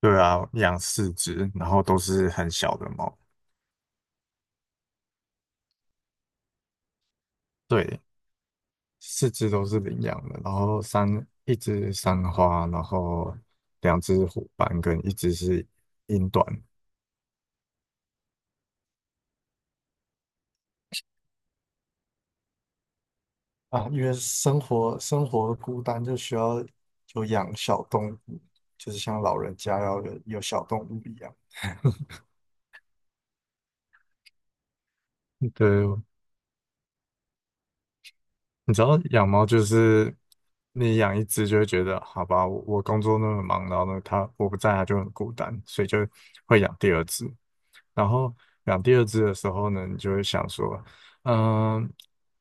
对啊，养四只，然后都是很小的猫。对，四只都是领养的，然后一只三花，然后两只虎斑跟一只是英短。啊，因为生活孤单，就需要有养小动物，就是像老人家要有小动物一样。对，你知道养猫就是你养一只就会觉得，好吧，我工作那么忙，然后呢，它我不在，它就很孤单，所以就会养第二只。然后养第二只的时候呢，你就会想说，嗯，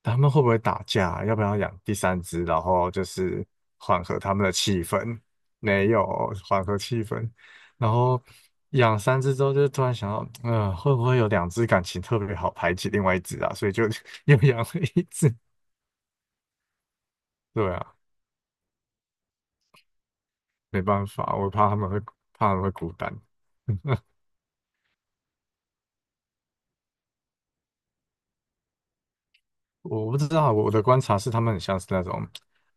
他们会不会打架？要不要养第三只？然后就是缓和他们的气氛，没有缓和气氛。然后养三只之后，就突然想到，会不会有两只感情特别好排挤另外一只啊？所以就 又养了一只。对啊，没办法，我怕他们会孤单。我不知道啊，我的观察是他们很像是那种，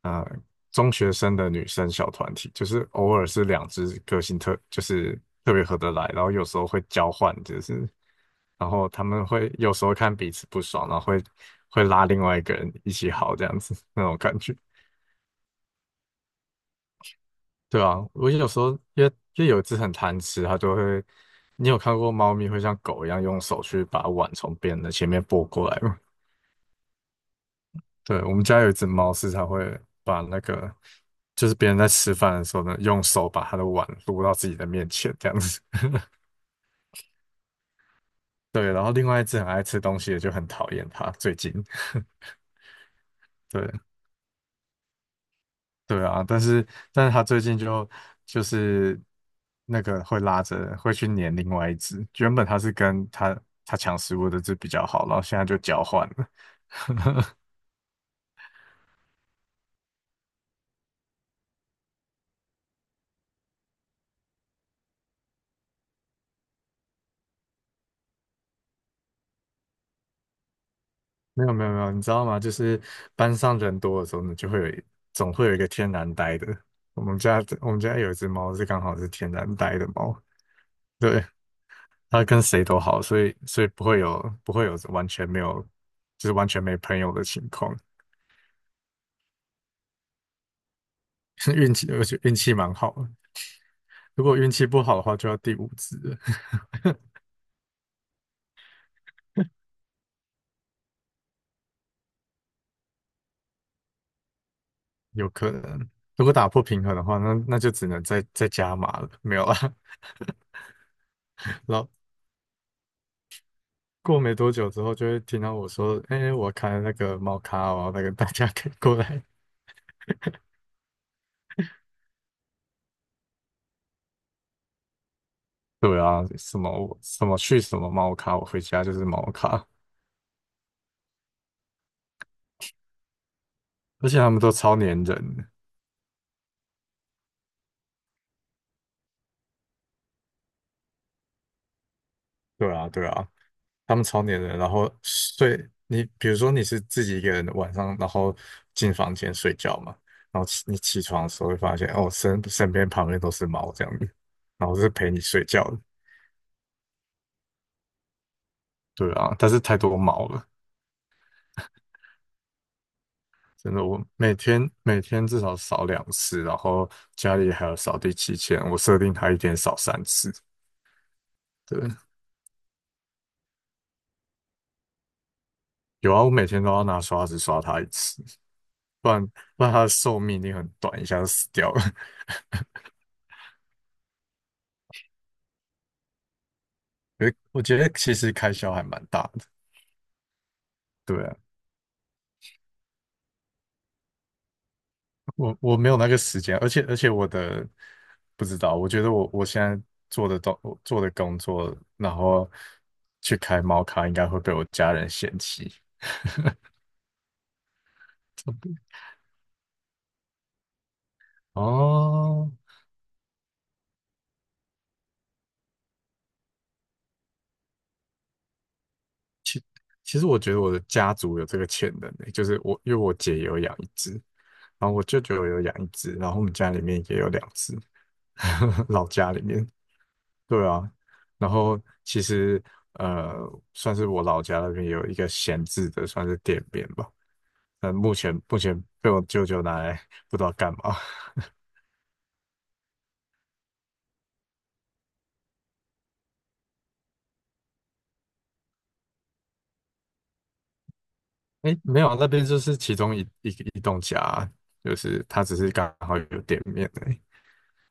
呃，中学生的女生小团体，就是偶尔是两只个性就是特别合得来，然后有时候会交换，就是，然后他们会有时候看彼此不爽，然后会拉另外一个人一起好这样子那种感觉。对啊，我有时候因为有一只很贪吃，它就会，你有看过猫咪会像狗一样用手去把碗从别人的前面拨过来吗？对，我们家有一只猫，时常会把那个，就是别人在吃饭的时候呢，用手把它的碗撸到自己的面前，这样子。对，然后另外一只很爱吃东西的就很讨厌它，最近。对，对啊，但是它最近就是那个会拉着会去黏另外一只，原本它是跟它抢食物的只比较好，然后现在就交换了。没有没有没有，你知道吗？就是班上人多的时候呢，就会有一总会有一个天然呆的。我们家有一只猫是刚好是天然呆的猫，对，它跟谁都好，所以不会有完全没有就是完全没朋友的情况。而且运气蛮好的。如果运气不好的话，就要第五只了。 有可能。如果打破平衡的话，那就只能再加码了，没有啦。然后过没多久之后，就会听到我说：“哎、我开了那个猫咖哦，那个大家可以过来。对啊，什么什么去什么猫咖，我回家就是猫咖，而且他们都超粘人的。对啊，对啊，他们超粘人，然后睡你，比如说你是自己一个人晚上，然后进房间睡觉嘛，然后你起床的时候会发现，哦，身边旁边都是猫这样子，然后是陪你睡觉的。对啊，但是太多猫了。真的，我每天至少扫2次，然后家里还有扫地机器人，我设定它一天扫3次。对，有啊，我每天都要拿刷子刷它一次，不然不然它的寿命一定很短，一下就死掉了。我觉得其实开销还蛮大的。对啊，我没有那个时间，而且我的不知道，我觉得我现在做的东我做的工作，然后去开猫咖，应该会被我家人嫌弃。哦，其实我觉得我的家族有这个潜能诶，就是我因为我姐也有养一只，然后我舅舅也有养一只，然后我们家里面也有两只，老家里面。对啊，然后其实呃，算是我老家那边有一个闲置的，算是店面吧。但目前被我舅舅拿来不知道干嘛。哎，没有啊那边就是其中一栋家啊就是他只是刚好有店面而已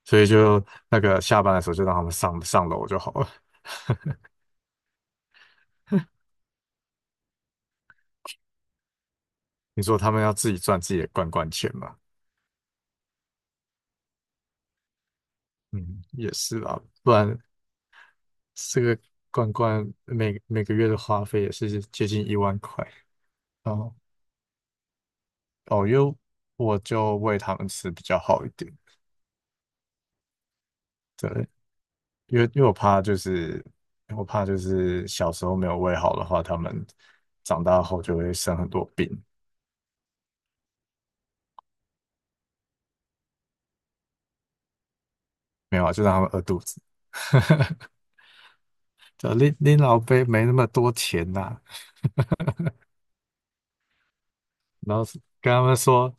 所以就那个下班的时候就让他们上楼就好了。你说他们要自己赚自己的罐罐钱嘛？嗯，也是啊，不然这个罐罐每个月的花费也是接近1万块。然后哦，因为我就喂他们吃比较好一点，对，因为我怕就是小时候没有喂好的话，他们长大后就会生很多病。没有啊，就让他们饿肚子。就拎老杯没那么多钱呐、然后跟他们说。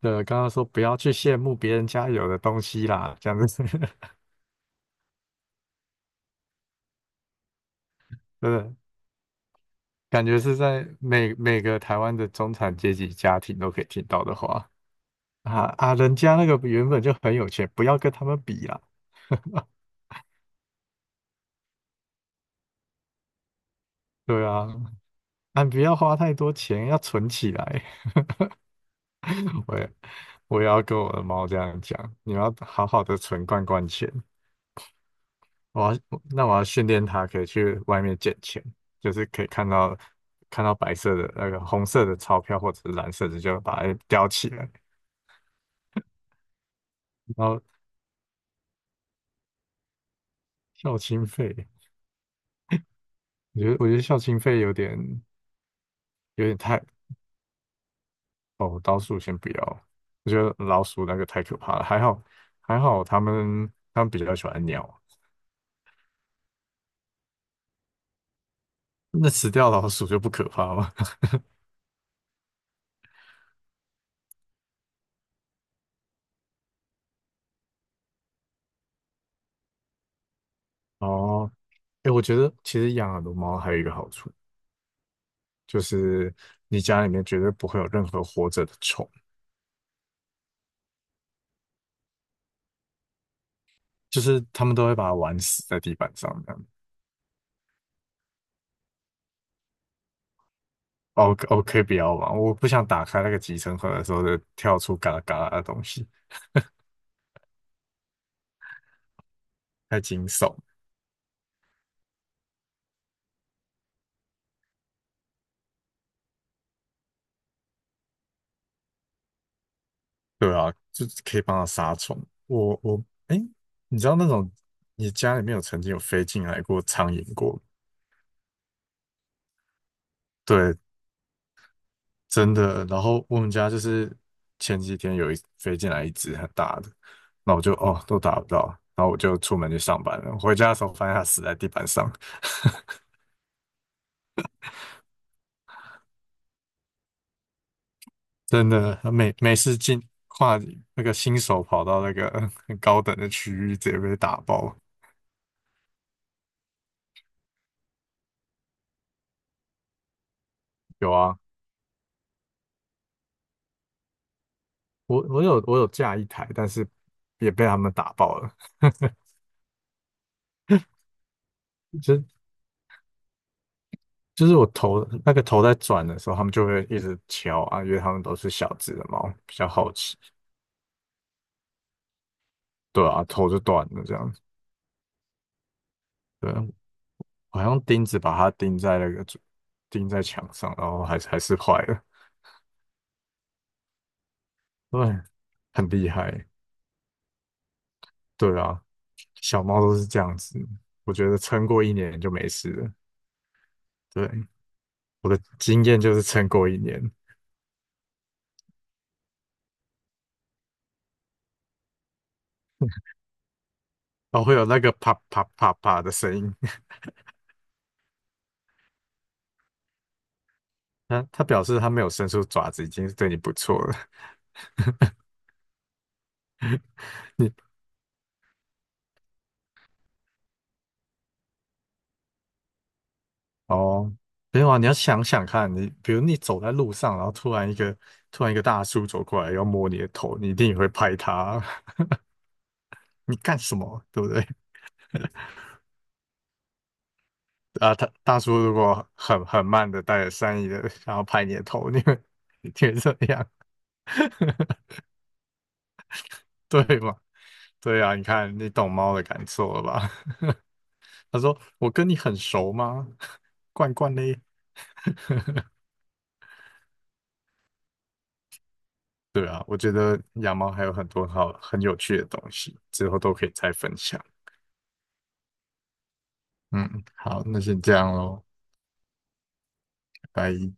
对，刚刚说不要去羡慕别人家有的东西啦，这样子。对，感觉是在每个台湾的中产阶级家庭都可以听到的话啊啊，人家那个原本就很有钱，不要跟他们比啦，对啊，啊，不要花太多钱，要存起来。我也我也要跟我的猫这样讲，你要好好的存罐罐钱。我要，那我要训练它可以去外面捡钱，就是可以看到白色的那个红色的钞票或者是蓝色的，就把它叼起来。然后校庆费，我觉得校庆费有点有点太哦，老鼠先不要，我觉得老鼠那个太可怕了。还好，他们比较喜欢鸟，那死掉老鼠就不可怕吗？哦，哎，我觉得其实养很多猫还有一个好处，就是你家里面绝对不会有任何活着的虫。就是他们都会把它玩死在地板上这样。哦，o 哦，可以不要玩，我不想打开那个集成盒的时候就跳出嘎啦嘎啦的东西，太惊悚。对啊，就是可以帮它杀虫。我我哎，你知道那种你家里面有曾经有飞进来过苍蝇过？对，真的。然后我们家就是前几天有一飞进来一只很大的，那我就哦都打不到，然后我就出门去上班了。回家的时候发现它死在地板上。真的，每次跨那个新手跑到那个很高等的区域，直接被打爆。有啊，我有架一台，但是也被他们打爆了。就就是那个头在转的时候，他们就会一直敲啊，因为他们都是小只的猫，比较好奇。对啊，头就断了这样子。对啊，我还用钉子把它钉在那个钉在墙上，然后还是坏了。对，很厉害。对啊，小猫都是这样子，我觉得撑过一年就没事了。对，我的经验就是撑过一年，哦，会有那个啪啪啪啪的声音。它表示它没有伸出爪子，已经是对你不错了。你哦，没有啊，你要想想看，你比如你走在路上，然后突然一个大叔走过来要摸你的头，你一定也会拍他，你干什么？对不对？啊，他大叔如果很慢的带着善意的想要拍你的头，你会 你怎么样。对嘛？对啊，你看你懂猫的感受了吧？他说：“我跟你很熟吗？罐罐嘞？”对啊，我觉得养猫还有很多好很有趣的东西，之后都可以再分享。嗯，好，那先这样喽，拜拜。